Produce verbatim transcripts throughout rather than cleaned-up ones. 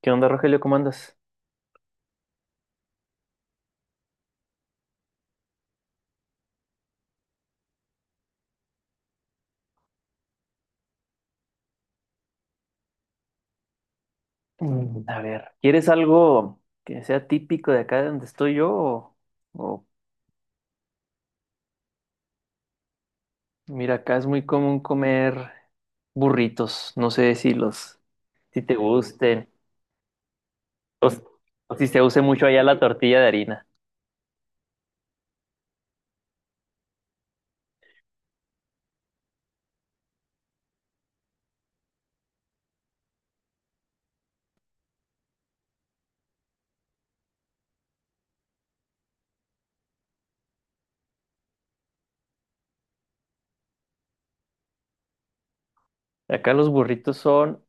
¿Qué onda, Rogelio? ¿Cómo andas? Mm, A ver, ¿quieres algo que sea típico de acá donde estoy yo? O, o- Mira, acá es muy común comer burritos. No sé si los, si te gusten o, o si se use mucho allá la tortilla de harina. Acá los burritos son,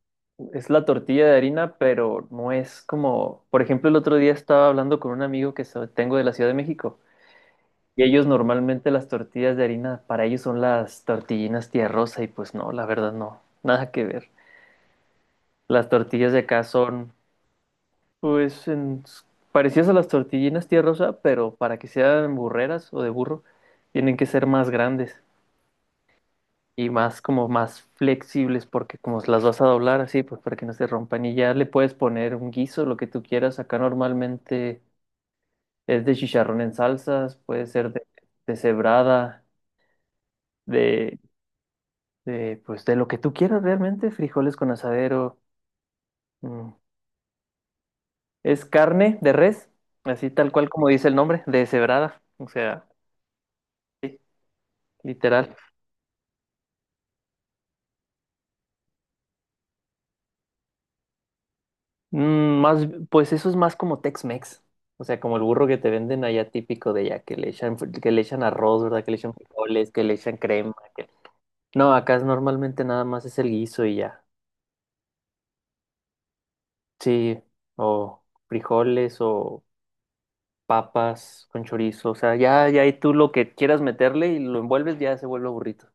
es la tortilla de harina, pero no es como, por ejemplo, el otro día estaba hablando con un amigo que so- tengo de la Ciudad de México. Y ellos normalmente las tortillas de harina, para ellos son las tortillinas tía Rosa y pues no, la verdad no, nada que ver. Las tortillas de acá son pues en- parecidas a las tortillinas tía Rosa, pero para que sean burreras o de burro, tienen que ser más grandes y más como más flexibles porque como las vas a doblar así, pues para que no se rompan y ya le puedes poner un guiso, lo que tú quieras. Acá normalmente es de chicharrón en salsas, puede ser de, de cebrada, de de, pues de lo que tú quieras realmente, frijoles con asadero. mm, Es carne de res, así tal cual como dice el nombre, deshebrada. O sea, sí, literal. Mm, más, pues eso es más como Tex-Mex. O sea, como el burro que te venden allá típico de allá, que le echan, fri- que le echan arroz, ¿verdad? Que le echan frijoles, que le echan crema. que- No, acá es normalmente nada más es el guiso y ya. Sí, o frijoles o papas con chorizo, o sea, ya, ya ahí tú lo que quieras meterle y lo envuelves ya se vuelve burrito.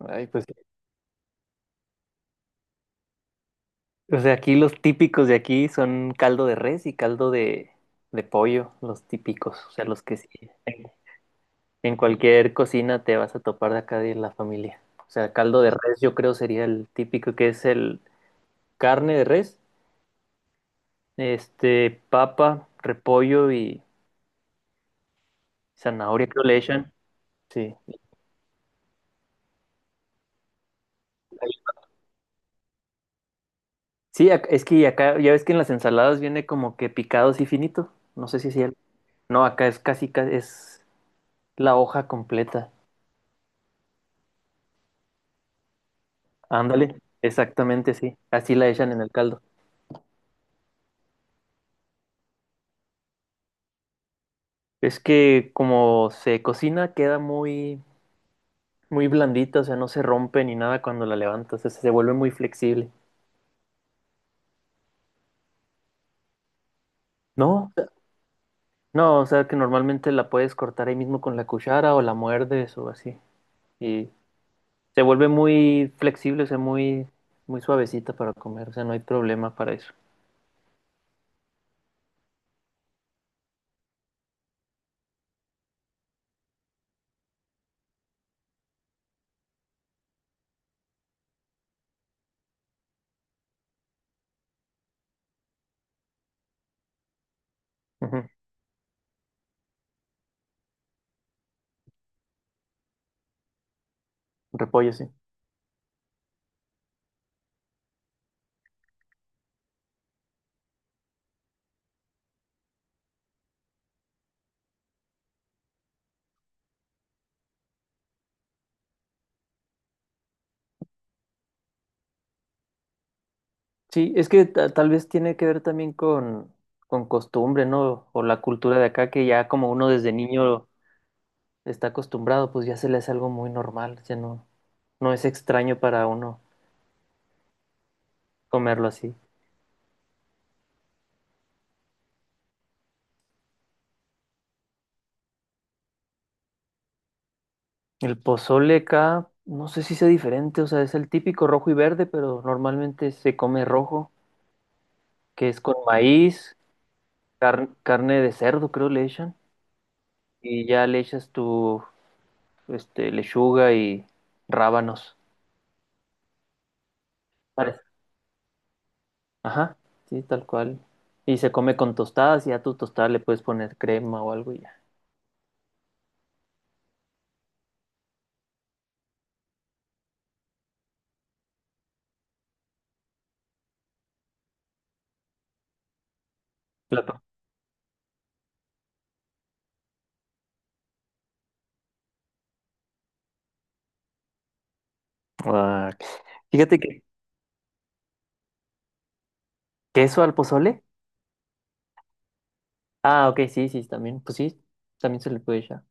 Ay, pues sí. O sea, aquí los típicos de aquí son caldo de res y caldo de, de pollo, los típicos, o sea, los que sí. En en cualquier cocina te vas a topar de acá de la familia. O sea, caldo de res yo creo sería el típico, que es el carne de res, este, papa, repollo y zanahoria creo le echan. Sí. Sí, ac- es que acá, ya ves que en las ensaladas viene como que picado así finito. No sé si es cierto. No, acá es casi, ca- es la hoja completa. Ándale, exactamente, sí. Así la echan en el caldo. Es que como se cocina, queda muy, muy blandita, o sea, no se rompe ni nada cuando la levantas, o sea, se vuelve muy flexible. No, no, o sea, que normalmente la puedes cortar ahí mismo con la cuchara o la muerdes o así. Y se vuelve muy flexible, o sea, muy, muy suavecita para comer, o sea, no hay problema para eso. Ujú. Repollo, sí. Sí, es que ta- tal vez tiene que ver también con, con costumbre, ¿no? O la cultura de acá, que ya como uno desde niño está acostumbrado, pues ya se le hace algo muy normal, ya no, no es extraño para uno comerlo así. El pozole acá, no sé si sea diferente, o sea, es el típico rojo y verde, pero normalmente se come rojo, que es con maíz, car- carne de cerdo, creo le echan, y ya le echas tu, este, lechuga y rábanos. Ajá, sí, tal cual. Y se come con tostadas y a tu tostada le puedes poner crema o algo y ya. Plato. Ah, ok. Fíjate que queso al pozole. Ah, ok, sí, sí, también. Pues sí, también se le puede echar.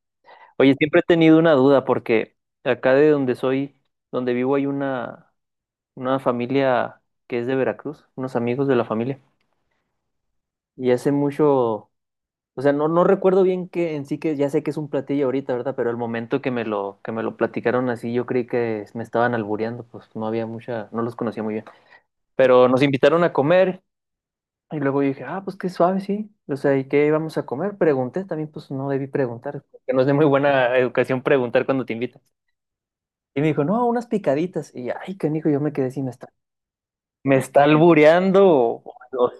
Oye, siempre he tenido una duda porque acá de donde soy, donde vivo, hay una, una familia que es de Veracruz, unos amigos de la familia. Y hace mucho. O sea, no, no recuerdo bien que en sí que ya sé que es un platillo ahorita, ¿verdad? Pero el momento que me lo, que me lo platicaron así, yo creí que me estaban albureando, pues no había mucha, no los conocía muy bien. Pero nos invitaron a comer y luego yo dije, ah, pues qué suave, sí. O sea, ¿y qué íbamos a comer? Pregunté, también pues no debí preguntar, porque no es de muy buena educación preguntar cuando te invitan. Y me dijo, no, unas picaditas. Y ay, canijo, yo me quedé así, me está, me está albureando. o- o-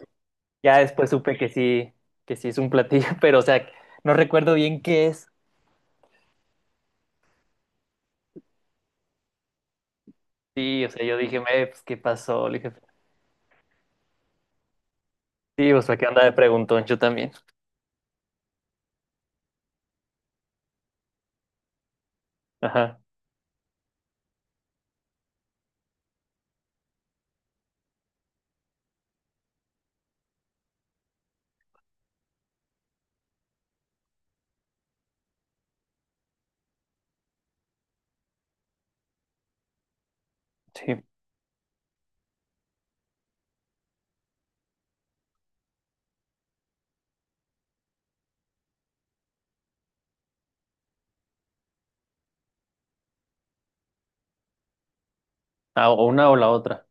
ya después supe que sí, que sí es un platillo, pero o sea, no recuerdo bien qué es. Sí, o sea, yo dije, "Eh, pues, ¿qué pasó?" Le dije, sí, o sea, ¿qué anda de preguntón? Yo también. Ajá, sí. Ah, o una o la otra.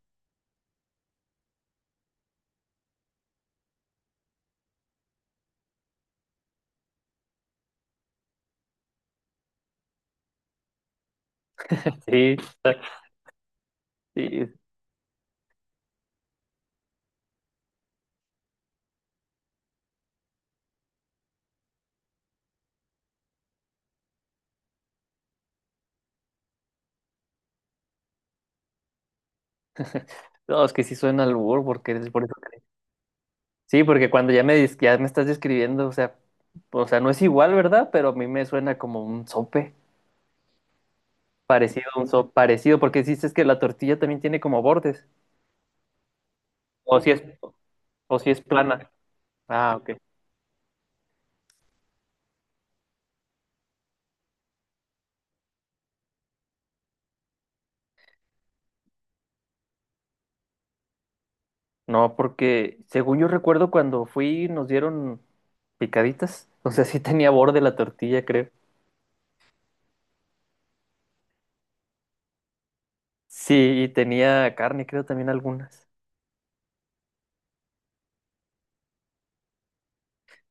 Sí, sí. No, es que sí suena al albur, porque es por eso que... Sí, porque cuando ya me, dis- ya me estás describiendo, o sea, o sea, no es igual, ¿verdad? Pero a mí me suena como un sope, parecido a un sope, parecido, porque dices que la tortilla también tiene como bordes, o si es, o si es plana. Ah, ok. No, porque según yo recuerdo cuando fui, nos dieron picaditas. O sea, sí tenía borde la tortilla, creo. Sí, y tenía carne, creo, también algunas.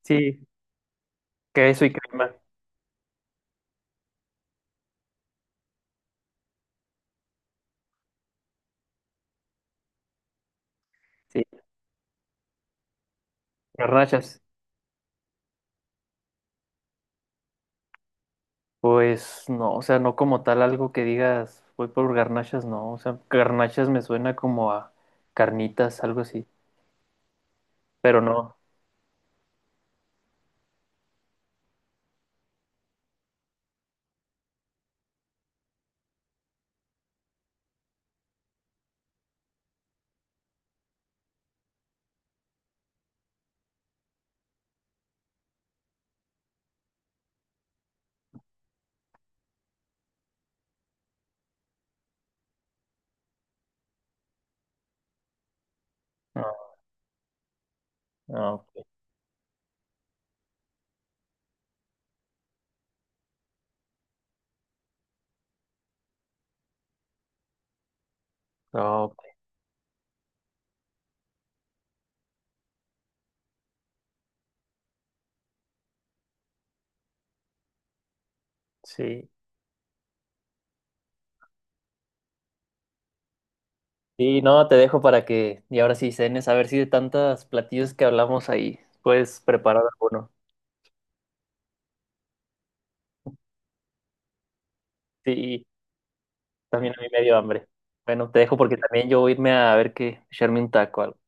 Sí, queso y crema. Sí, garnachas. Pues no, o sea, no como tal algo que digas, voy por garnachas, no. O sea, garnachas me suena como a carnitas, algo así. Pero no, no, no, ok, no, ok, sí. Sí, no, te dejo para que, y ahora sí cenes, a ver si de tantos platillos que hablamos ahí, puedes preparar alguno. Sí. También a mí me dio hambre. Bueno, te dejo porque también yo voy a irme a ver que echarme un taco o algo.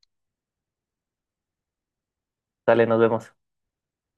Dale, nos vemos.